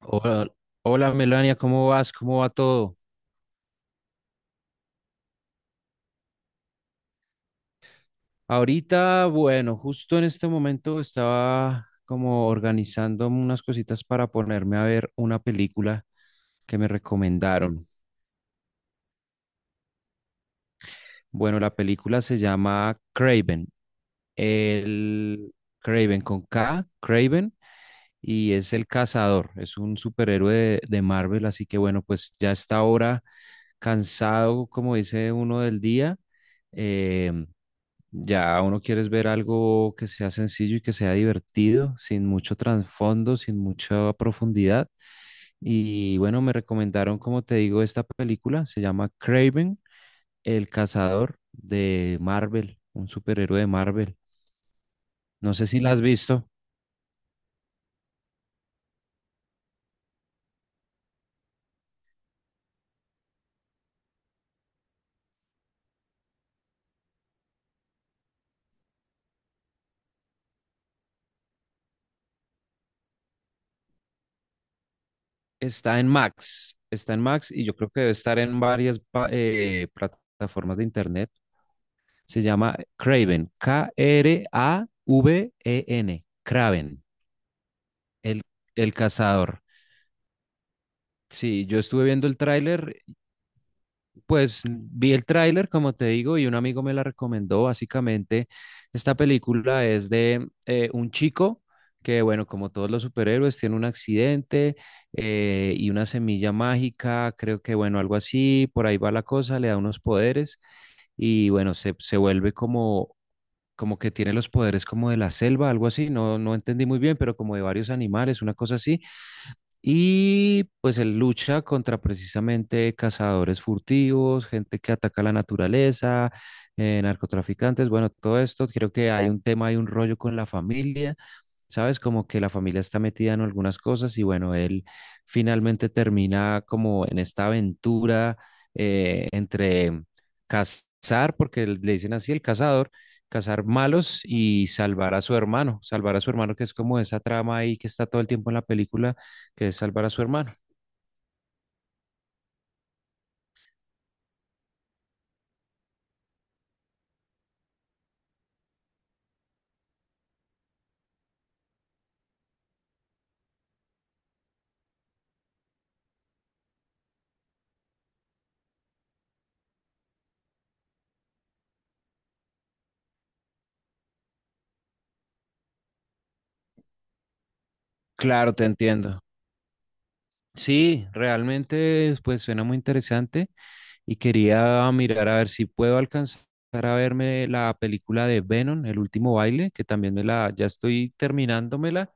Hola, hola Melania, ¿cómo vas? ¿Cómo va todo? Ahorita, bueno, justo en este momento estaba como organizando unas cositas para ponerme a ver una película que me recomendaron. Bueno, la película se llama Craven, el Craven con K, Craven, y es el cazador, es un superhéroe de Marvel, así que bueno, pues ya está ahora cansado, como dice uno del día. em, Ya uno quiere es ver algo que sea sencillo y que sea divertido, sin mucho trasfondo, sin mucha profundidad. Y bueno, me recomendaron, como te digo, esta película. Se llama Craven, el cazador de Marvel, un superhéroe de Marvel. No sé si la has visto. Está en Max y yo creo que debe estar en varias plataformas de internet. Se llama Craven, Kraven, Craven, el, el cazador. Sí, yo estuve viendo el tráiler, pues vi el tráiler, como te digo, y un amigo me la recomendó. Básicamente, esta película es de un chico que, bueno, como todos los superhéroes, tiene un accidente y una semilla mágica, creo que, bueno, algo así, por ahí va la cosa, le da unos poderes y, bueno, se vuelve como, como que tiene los poderes como de la selva, algo así, no, no entendí muy bien, pero como de varios animales, una cosa así y pues él lucha contra precisamente cazadores furtivos, gente que ataca la naturaleza, narcotraficantes, bueno, todo esto. Creo que hay un tema, hay un rollo con la familia. ¿Sabes? Como que la familia está metida en algunas cosas y bueno, él finalmente termina como en esta aventura entre cazar, porque él- le dicen así, el cazador, cazar malos y salvar a su hermano, salvar a su hermano, que es como esa trama ahí que está todo el tiempo en la película, que es salvar a su hermano. Claro, te entiendo. Sí, realmente pues suena muy interesante y quería mirar a ver si puedo alcanzar a verme la película de Venom, El último baile, que también me la ya estoy terminándomela.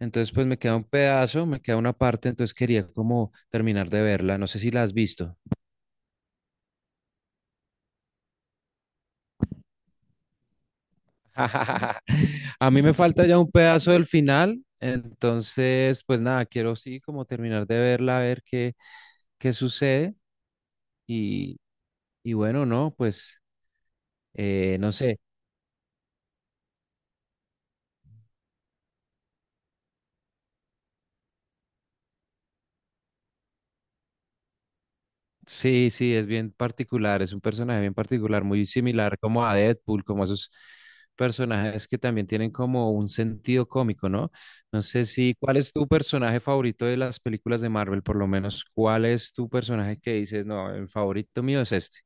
Entonces pues me queda un pedazo, me queda una parte, entonces quería como terminar de verla. No sé si la has visto. A mí me falta ya un pedazo del final, entonces pues nada, quiero sí como terminar de verla, a ver qué sucede y bueno, no, pues no sé. Sí, sí, es bien particular, es un personaje bien particular, muy similar como a Deadpool, como a esos personajes que también tienen como un sentido cómico, ¿no? No sé si, ¿cuál es tu personaje favorito de las películas de Marvel? Por lo menos, ¿cuál es tu personaje que dices, no, el favorito mío es este?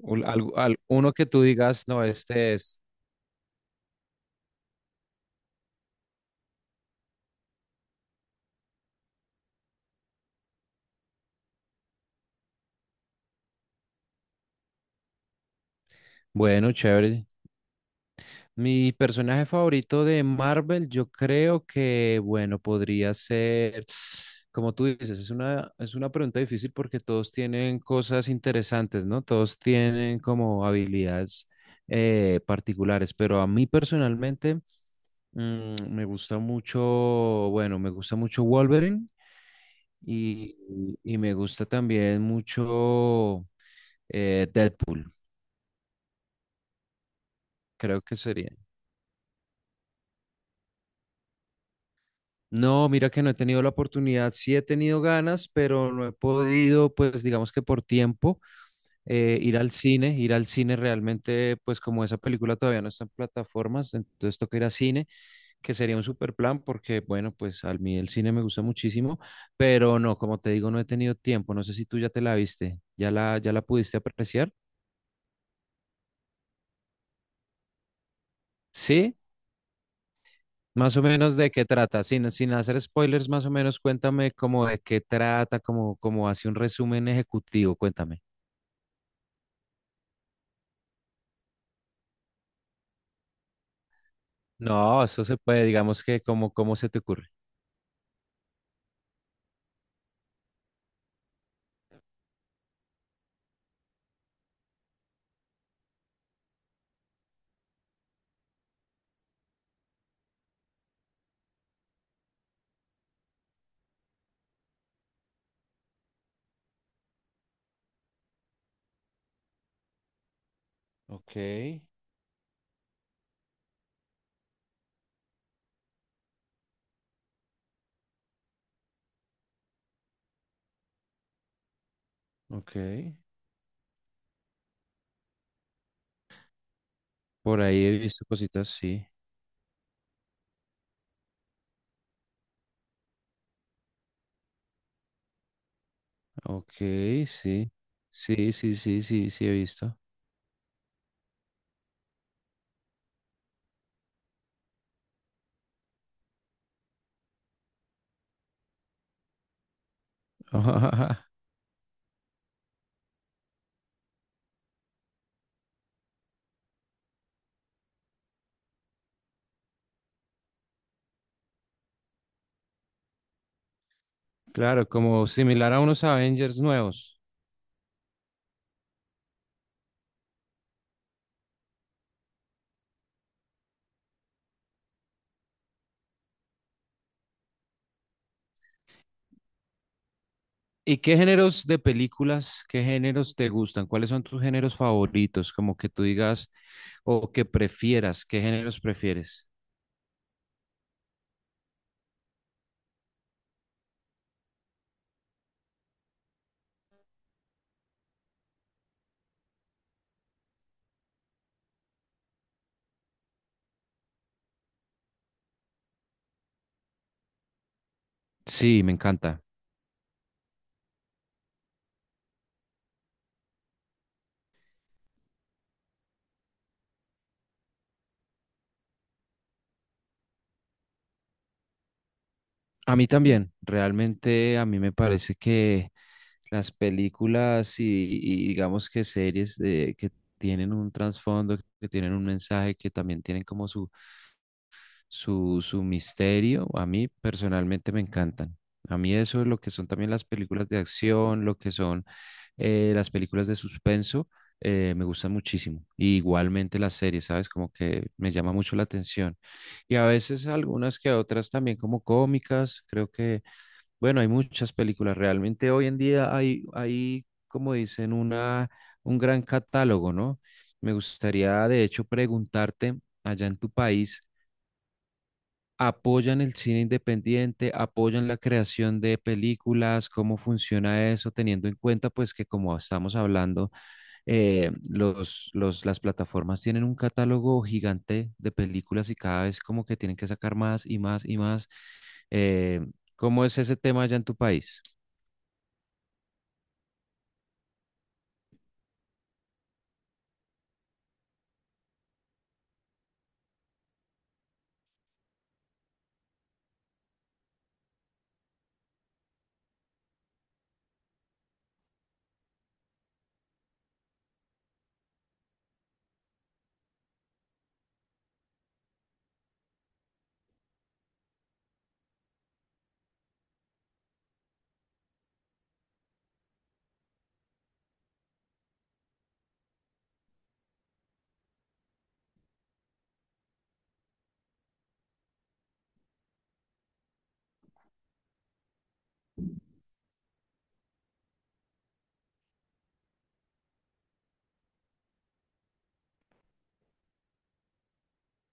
Uno que tú digas, no, este es bueno, chévere. Mi personaje favorito de Marvel, yo creo que, bueno, podría ser, como tú dices, es una pregunta difícil porque todos tienen cosas interesantes, ¿no? Todos tienen como habilidades particulares, pero a mí personalmente me gusta mucho, bueno, me gusta mucho Wolverine y, y me gusta también mucho Deadpool, creo que sería. No, mira que no he tenido la oportunidad, sí he tenido ganas, pero no he podido, pues digamos que por tiempo, ir al cine realmente, pues como esa película todavía no está en plataformas, entonces toca ir a cine, que sería un super plan, porque bueno, pues a mí el cine me gusta muchísimo, pero no, como te digo, no he tenido tiempo, no sé si tú ya te la viste, ya la, ya la pudiste apreciar, ¿sí? Más o menos de qué trata, sin, sin hacer spoilers, más o menos cuéntame como de qué trata, como, como hace un resumen ejecutivo, cuéntame. No, eso se puede, digamos que como, ¿cómo se te ocurre? Ok, ok. Por ahí he visto cositas, sí. Ok, sí. Sí, sí, sí, sí, sí he visto. Claro, como similar a unos Avengers nuevos. ¿Y qué géneros de películas, qué géneros te gustan? ¿Cuáles son tus géneros favoritos? Como que tú digas o que prefieras, ¿qué géneros prefieres? Sí, me encanta. A mí también, realmente a mí me parece que las películas y digamos que series de, que tienen un trasfondo, que tienen un mensaje, que también tienen como su, su misterio, a mí personalmente me encantan. A mí eso es lo que son también las películas de acción, lo que son las películas de suspenso, me gustan muchísimo. Y igualmente las series, ¿sabes? Como que me llama mucho la atención. Y a veces algunas que otras también como cómicas, creo que... Bueno, hay muchas películas. Realmente hoy en día hay, como dicen, una, un gran catálogo, ¿no? Me gustaría, de hecho, preguntarte, allá en tu país, ¿apoyan el cine independiente? ¿Apoyan la creación de películas? ¿Cómo funciona eso? Teniendo en cuenta, pues, que como estamos hablando, las plataformas tienen un catálogo gigante de películas y cada vez como que tienen que sacar más y más y más. Eh, ¿Cómo es ese tema allá en tu país?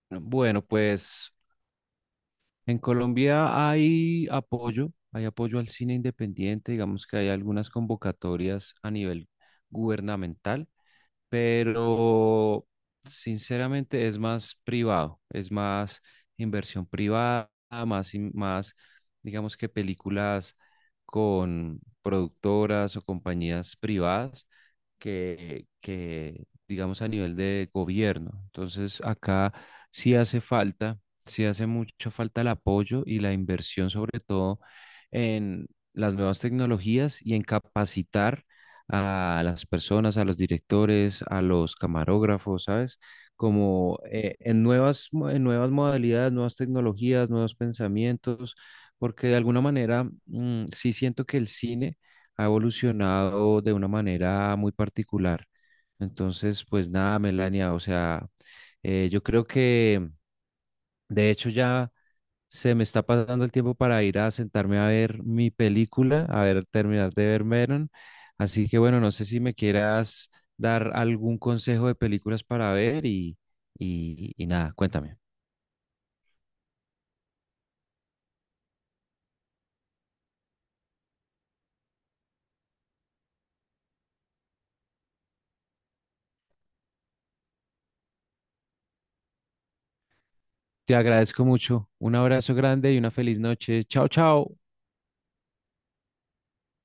Bueno, pues en Colombia hay apoyo al cine independiente, digamos que hay algunas convocatorias a nivel gubernamental, pero sinceramente es más privado, es más inversión privada, más digamos que películas con productoras o compañías privadas que, digamos, a nivel de gobierno. Entonces, acá sí hace falta, sí hace mucha falta el apoyo y la inversión, sobre todo en las nuevas tecnologías y en capacitar a las personas, a los directores, a los camarógrafos, ¿sabes? Como en nuevas modalidades, nuevas tecnologías, nuevos pensamientos, porque de alguna manera sí siento que el cine ha evolucionado de una manera muy particular. Entonces, pues nada, Melania, o sea, yo creo que de hecho ya se me está pasando el tiempo para ir a sentarme a ver mi película, a ver, terminar de ver Meron. Así que bueno, no sé si me quieras dar algún consejo de películas para ver y, y nada, cuéntame. Te agradezco mucho. Un abrazo grande y una feliz noche. Chao, chao.